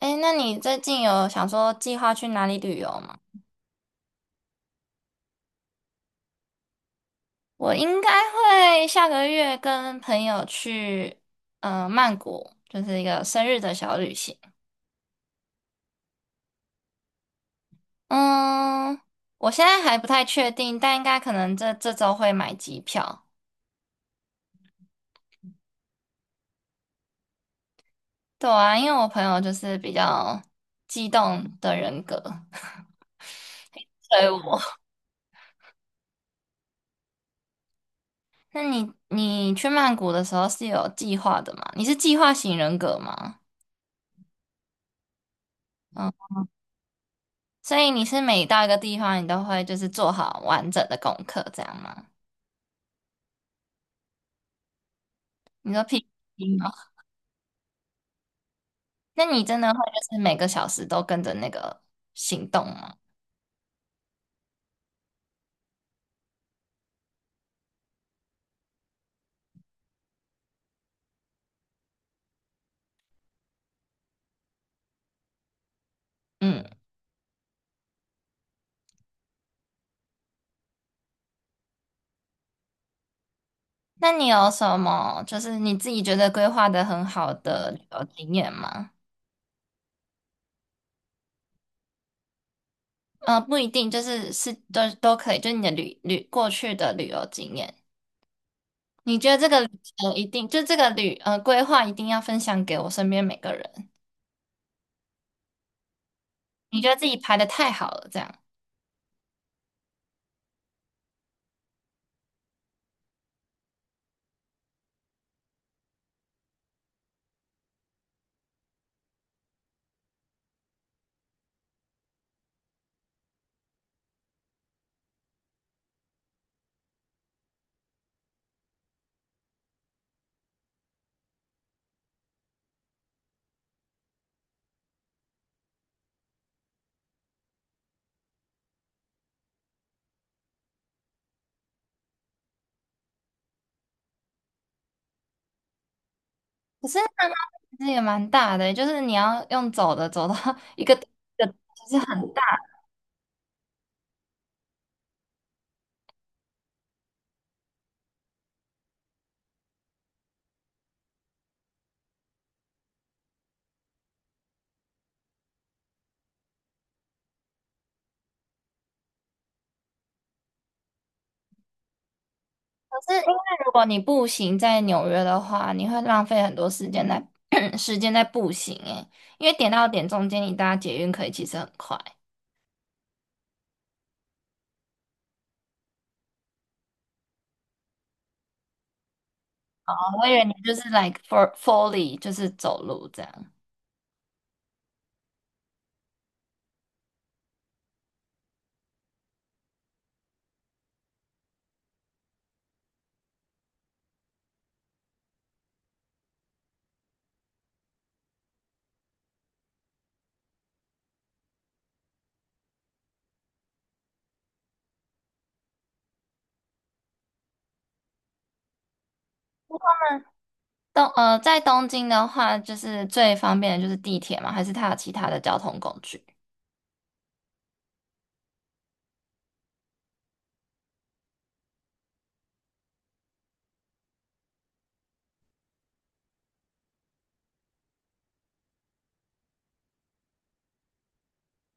哎，那你最近有想说计划去哪里旅游吗？我应该会下个月跟朋友去，曼谷，就是一个生日的小旅行。嗯，我现在还不太确定，但应该可能这周会买机票。对啊，因为我朋友就是比较激动的人格，所以我 那你去曼谷的时候是有计划的吗？你是计划型人格吗？嗯。所以你是每到一个地方，你都会就是做好完整的功课，这样吗？你说 PPT 吗？那你真的会就是每个小时都跟着那个行动吗？嗯，那你有什么就是你自己觉得规划的很好的旅游经验吗？不一定，就是是都可以，就是你的过去的旅游经验，你觉得这个旅程一定就这个旅规划一定要分享给我身边每个人，你觉得自己排的太好了，这样。可是它那其实也蛮大的，就是你要用走的走到 一个，其实很大。可是因为如果你步行在纽约的话，你会浪费很多时间在 时间在步行诶，因为点到点中间你搭捷运可以其实很快。哦我以为你就是 like for fully 就是走路这样。在东京的话，就是最方便的就是地铁嘛，还是它有其他的交通工具？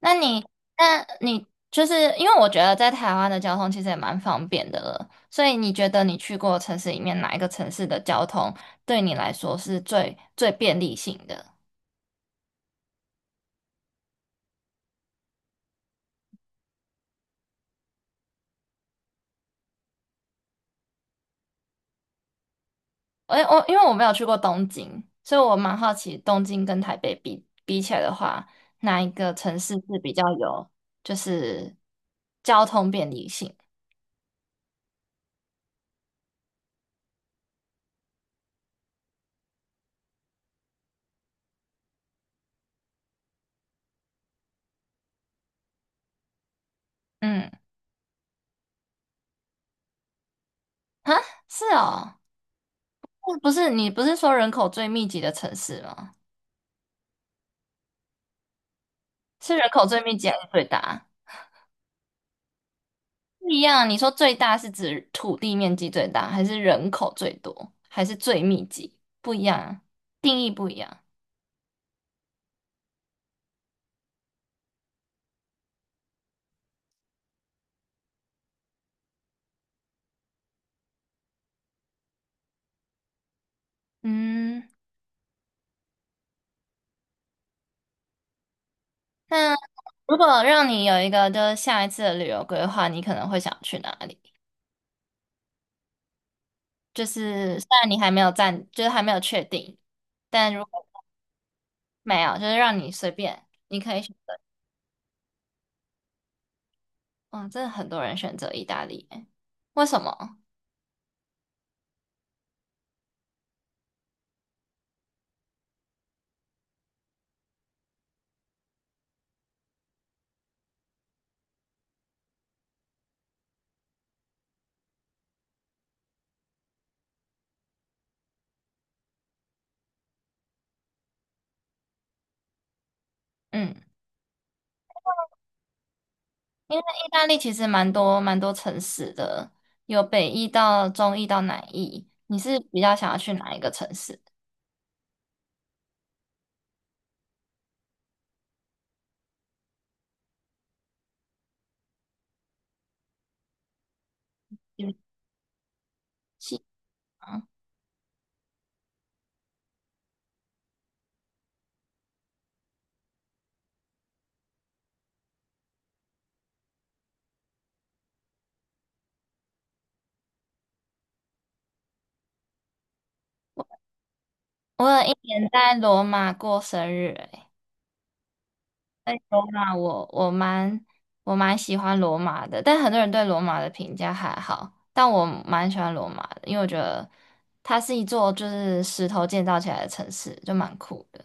那你，那你就是因为我觉得在台湾的交通其实也蛮方便的了，所以你觉得你去过的城市里面哪一个城市的交通对你来说是最便利性的？我因为我没有去过东京，所以我蛮好奇东京跟台北比比起来的话，哪一个城市是比较有就是交通便利性？嗯，啊，是哦，不是你不是说人口最密集的城市吗？是人口最密集还是最大？不一样，你说最大是指土地面积最大，还是人口最多，还是最密集？不一样啊，定义不一样。嗯，那如果让你有一个就是下一次的旅游规划，你可能会想去哪里？就是虽然你还没有暂，就是还没有确定，但如果没有，就是让你随便，你可以选择。哇，真的很多人选择意大利耶为什么？嗯。因为意大利其实蛮多城市的，有北意到中意到南意。你是比较想要去哪一个城市旅行吗？我有一年在罗马过生日、欸，在罗马我蛮喜欢罗马的，但很多人对罗马的评价还好，但我蛮喜欢罗马的，因为我觉得它是一座就是石头建造起来的城市，就蛮酷的。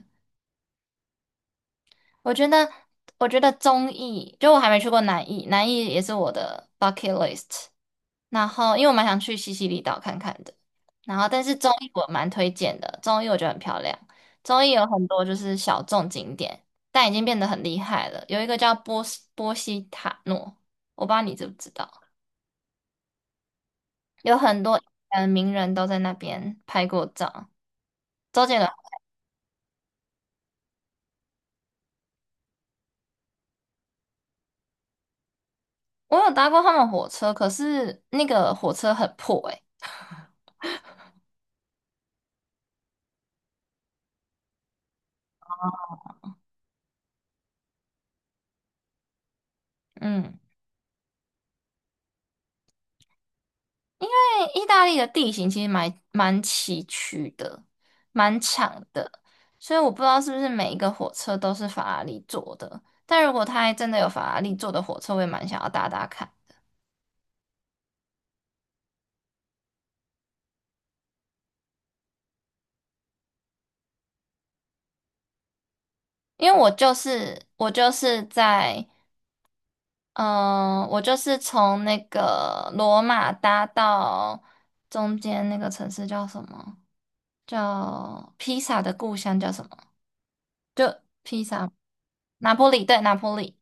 我觉得我觉得中意，就我还没去过南意，南意也是我的 bucket list。然后因为我蛮想去西西里岛看看的，然后但是中艺我蛮推荐的，中艺我觉得很漂亮，中艺有很多就是小众景点，但已经变得很厉害了。有一个叫波斯波西塔诺，我不知道你知不知道，有很多名人都在那边拍过照。周杰伦，我有搭过他们火车，可是那个火车很破诶、欸嗯。欸意大利的地形其实蛮崎岖的，蛮长的，所以我不知道是不是每一个火车都是法拉利做的。但如果它还真的有法拉利做的火车，我也蛮想要搭搭看，因为我就是在我就是从那个罗马搭到中间那个城市叫什么？叫披萨的故乡叫什么？就披萨，拿坡里，对，拿坡里，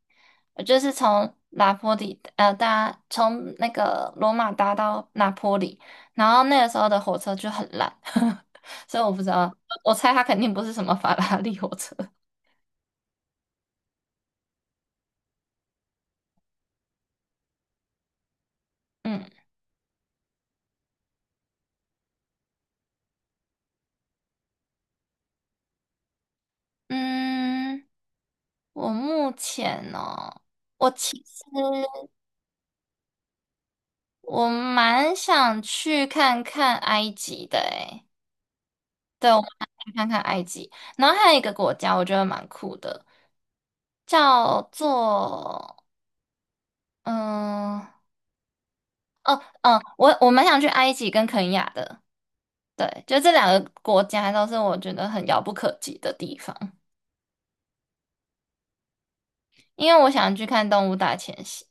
我就是从拿坡里搭从那个罗马搭到拿坡里，然后那个时候的火车就很烂，所以我不知道，我猜它肯定不是什么法拉利火车。嗯嗯，我目前哦，我其实我蛮想去看看埃及的诶，对，我蛮想去看看埃及，然后还有一个国家我觉得蛮酷的。叫做嗯嗯，我蛮想去埃及跟肯亚的，对，就这两个国家都是我觉得很遥不可及的地方，因为我想去看动物大迁徙。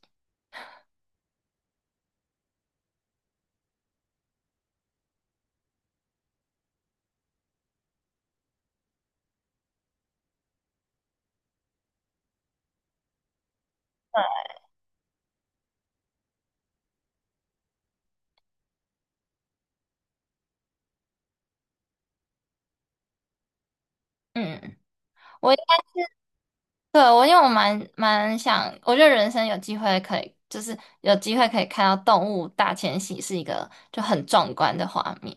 嗯，我应该对我因为我蛮蛮想，我觉得人生有机会可以，就是有机会可以看到动物大迁徙是一个就很壮观的画面。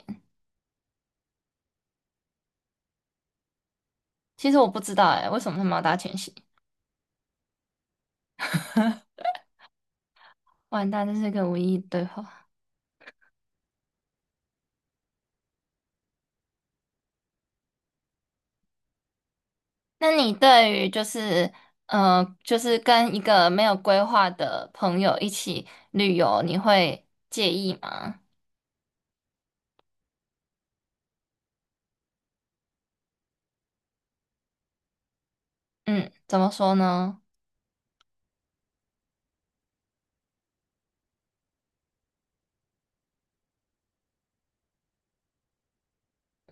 其实我不知道哎、为什么他们要大迁徙？完蛋，这是一个无意义对话。那你对于就是就是跟一个没有规划的朋友一起旅游，你会介意吗？嗯，怎么说呢？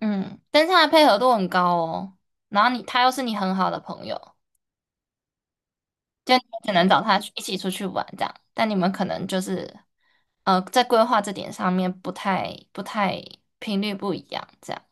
嗯，但是他的配合度很高哦，然后你他又是你很好的朋友，就你只能找他去一起出去玩这样，但你们可能就是在规划这点上面不太频率不一样这样。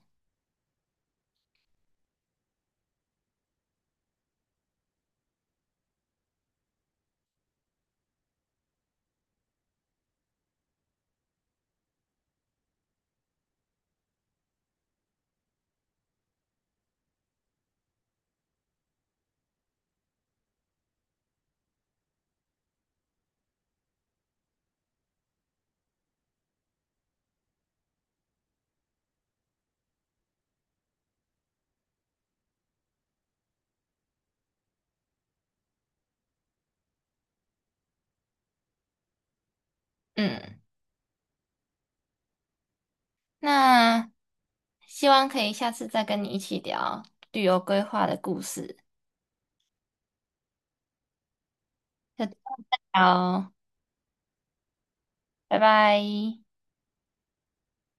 嗯，那希望可以下次再跟你一起聊旅游规划的故事。就好，拜拜。